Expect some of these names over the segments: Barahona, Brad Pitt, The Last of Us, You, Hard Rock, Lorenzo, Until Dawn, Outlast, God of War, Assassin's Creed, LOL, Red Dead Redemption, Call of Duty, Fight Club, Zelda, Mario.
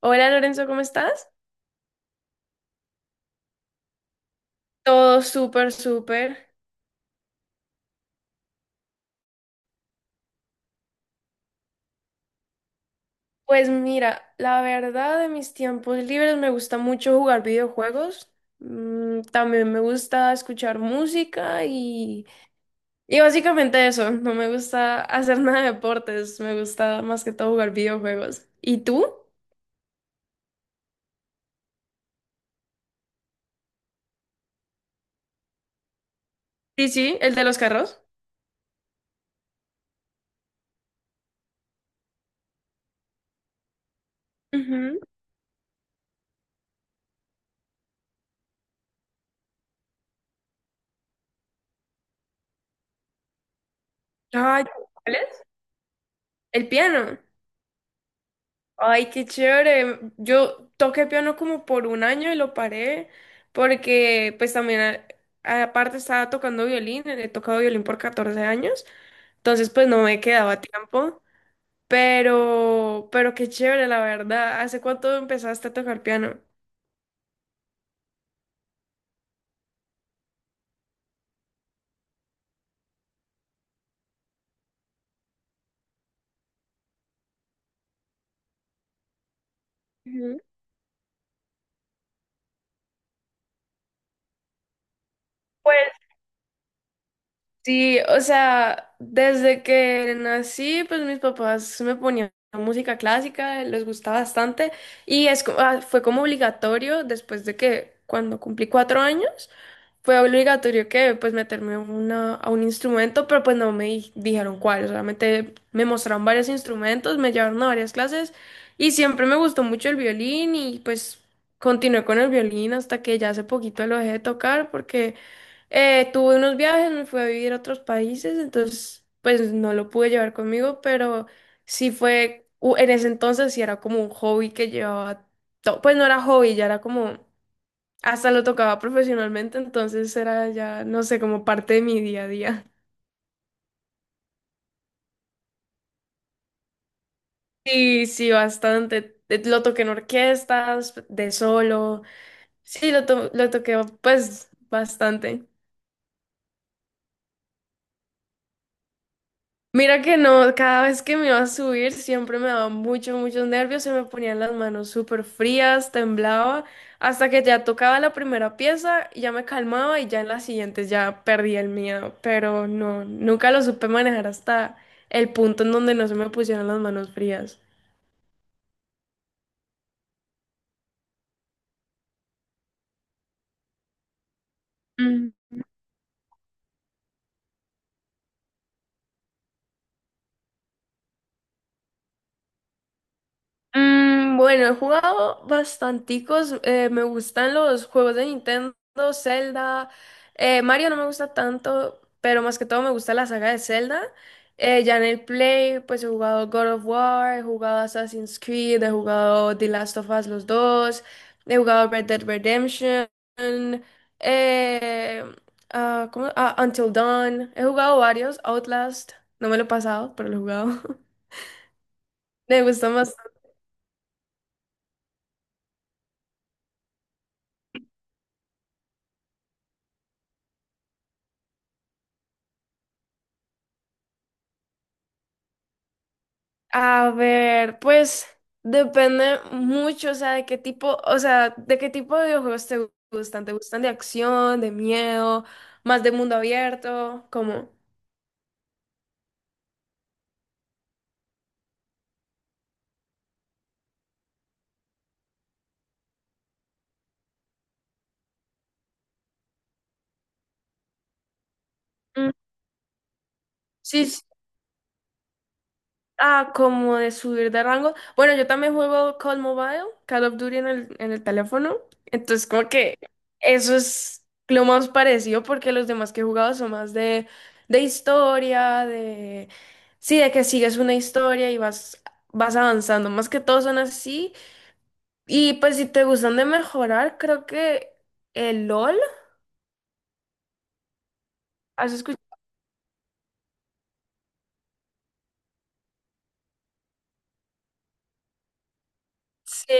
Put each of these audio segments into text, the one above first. Hola Lorenzo, ¿cómo estás? Todo súper, súper. Pues mira, la verdad de mis tiempos libres me gusta mucho jugar videojuegos. También me gusta escuchar música y básicamente eso. No me gusta hacer nada de deportes, me gusta más que todo jugar videojuegos. ¿Y tú? Sí, sí, el de los carros. Ujú. Ay, ¿cuál es? El piano. Ay, qué chévere. Yo toqué piano como por un año y lo paré porque pues también aparte estaba tocando violín, he tocado violín por 14 años, entonces pues no me quedaba tiempo, pero qué chévere, la verdad. ¿Hace cuánto empezaste a tocar piano? Ujú. Sí, o sea, desde que nací, pues mis papás me ponían música clásica, les gustaba bastante y fue como obligatorio después de que cuando cumplí 4 años, fue obligatorio que pues meterme a a un instrumento, pero pues no me di- dijeron cuál, solamente me mostraron varios instrumentos, me llevaron a varias clases y siempre me gustó mucho el violín y pues continué con el violín hasta que ya hace poquito lo dejé de tocar porque… tuve unos viajes, me fui a vivir a otros países, entonces pues no lo pude llevar conmigo, pero sí en ese entonces sí era como un hobby que llevaba todo, pues no era hobby, ya era como, hasta lo tocaba profesionalmente, entonces era ya, no sé, como parte de mi día a día. Sí, sí, bastante. Lo toqué en orquestas, de solo, sí, lo toqué pues bastante. Mira que no, cada vez que me iba a subir siempre me daba muchos nervios, se me ponían las manos súper frías, temblaba, hasta que ya tocaba la primera pieza, y ya me calmaba y ya en las siguientes ya perdía el miedo, pero no, nunca lo supe manejar hasta el punto en donde no se me pusieron las manos frías. Bueno, he jugado bastanticos. Me gustan los juegos de Nintendo, Zelda. Mario no me gusta tanto, pero más que todo me gusta la saga de Zelda. Ya en el Play, pues he jugado God of War, he jugado Assassin's Creed, he jugado The Last of Us los dos, he jugado Red Dead Redemption, eh, Until Dawn. He jugado varios, Outlast, no me lo he pasado, pero lo he jugado. Me gusta… A ver, pues depende mucho, o sea, de qué tipo de videojuegos gustan. ¿Te gustan de acción, de miedo, más de mundo abierto? Como… Sí. Ah, como de subir de rango. Bueno, yo también juego Call Mobile, Call of Duty en en el teléfono. Entonces, como que eso es lo más parecido porque los demás que he jugado son más de historia, de… Sí, de que sigues una historia y vas avanzando. Más que todos son así. Y pues si te gustan de mejorar, creo que el LOL. ¿Has escuchado? Sí.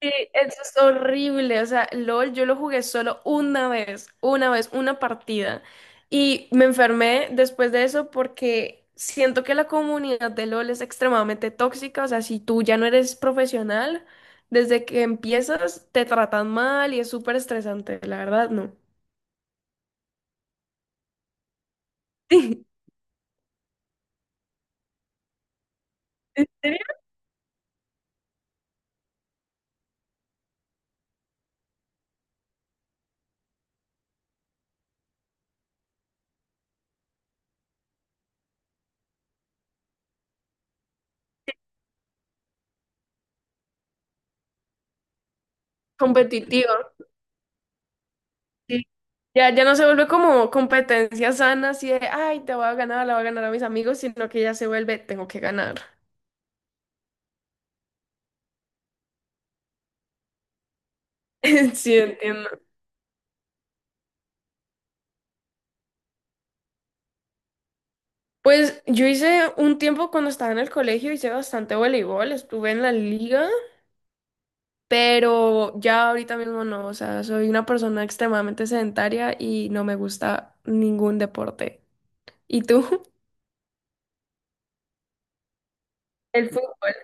Sí, eso es horrible. O sea, LOL, yo lo jugué solo una vez, una vez, una partida. Y me enfermé después de eso porque siento que la comunidad de LOL es extremadamente tóxica. O sea, si tú ya no eres profesional, desde que empiezas te tratan mal y es súper estresante, la verdad, no. Sí, ¿en serio? Competitivo. Sí. Ya no se vuelve como competencia sana, así de, ay, te voy a ganar, la voy a ganar a mis amigos, sino que ya se vuelve, tengo que ganar. Sí, entiendo. Pues yo hice un tiempo cuando estaba en el colegio, hice bastante voleibol, estuve en la liga, pero ya ahorita mismo no, o sea, soy una persona extremadamente sedentaria y no me gusta ningún deporte. ¿Y tú? El fútbol.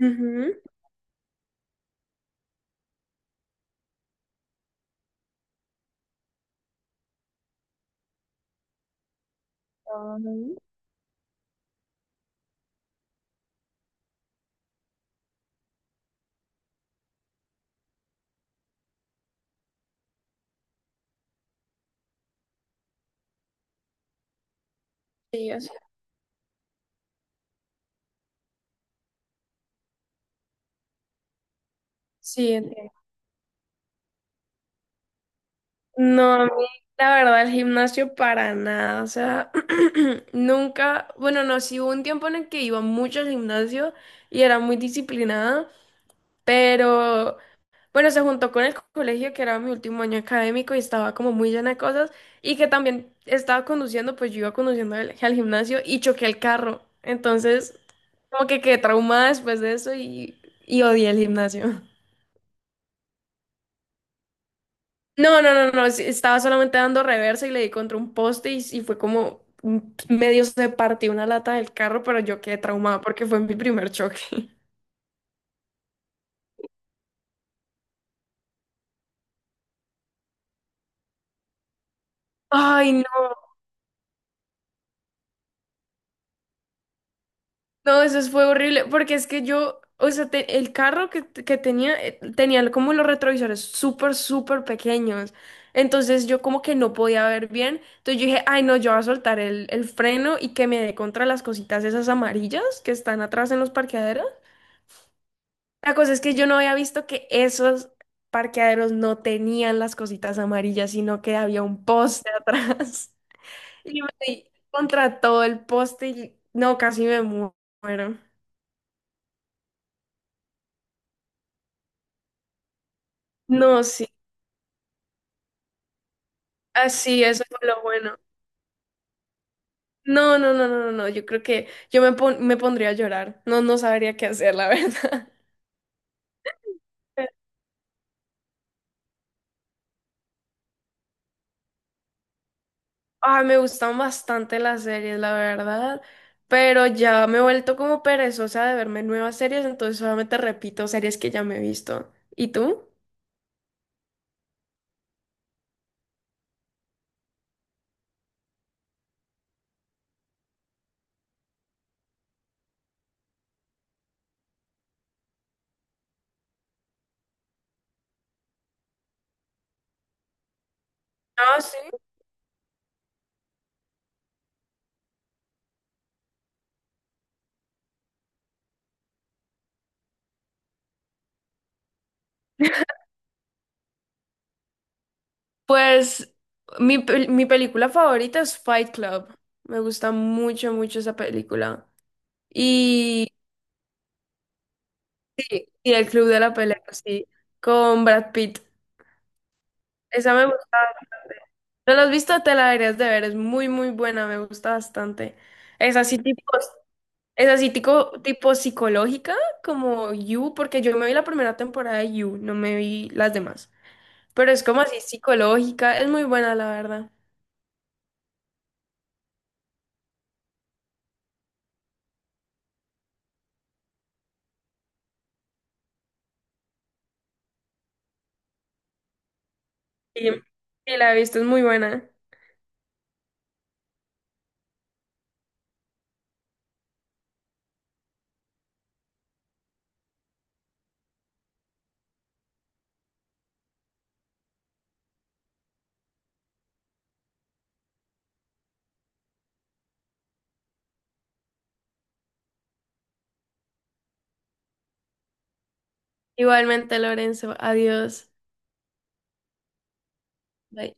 Ujú. Ujú. Sí, o sea, sí, entiendo. No, a mí, la verdad, el gimnasio para nada, o sea, nunca, bueno, no, sí hubo un tiempo en el que iba mucho al gimnasio y era muy disciplinada, pero bueno, se juntó con el colegio, que era mi último año académico y estaba como muy llena de cosas y que también estaba conduciendo, pues yo iba conduciendo al gimnasio y choqué el carro. Entonces, como que quedé traumada después de eso y odié el gimnasio. No, no, no, no, sí, estaba solamente dando reversa y le di contra un poste y fue como medio se partió una lata del carro, pero yo quedé traumada porque fue mi primer choque. Ay, no, eso fue horrible, porque es que yo, o sea, el carro que tenía, tenía como los retrovisores súper pequeños. Entonces yo como que no podía ver bien. Entonces yo dije, ay no, yo voy a soltar el freno y que me dé contra las cositas esas amarillas que están atrás en los parqueaderos. La cosa es que yo no había visto que esos parqueaderos no tenían las cositas amarillas, sino que había un poste atrás. Y me di contra todo el poste y no, muero. No, sí. Así, eso fue lo bueno. No, yo creo que yo me pondría a llorar. No, no sabría qué hacer, la verdad. Ah, me gustan bastante las series, la verdad, pero ya me he vuelto como perezosa de verme nuevas series, entonces solamente repito series que ya me he visto. ¿Y tú? Ah, sí. Pues mi película favorita es Fight Club. Me gusta mucho, mucho esa película. Y, y El Club de la Pelea, sí, con Brad Pitt. Esa me gusta. ¿No la has visto? Te la deberías de ver. Es muy, muy buena. Me gusta bastante. Es así tipo, es así tipo, tipo psicológica, como You, porque yo me vi la primera temporada de You, no me vi las demás. Pero es como así psicológica. Es muy buena, la verdad. Sí, sí la he visto. Es muy buena. Igualmente, Lorenzo. Adiós. Bye.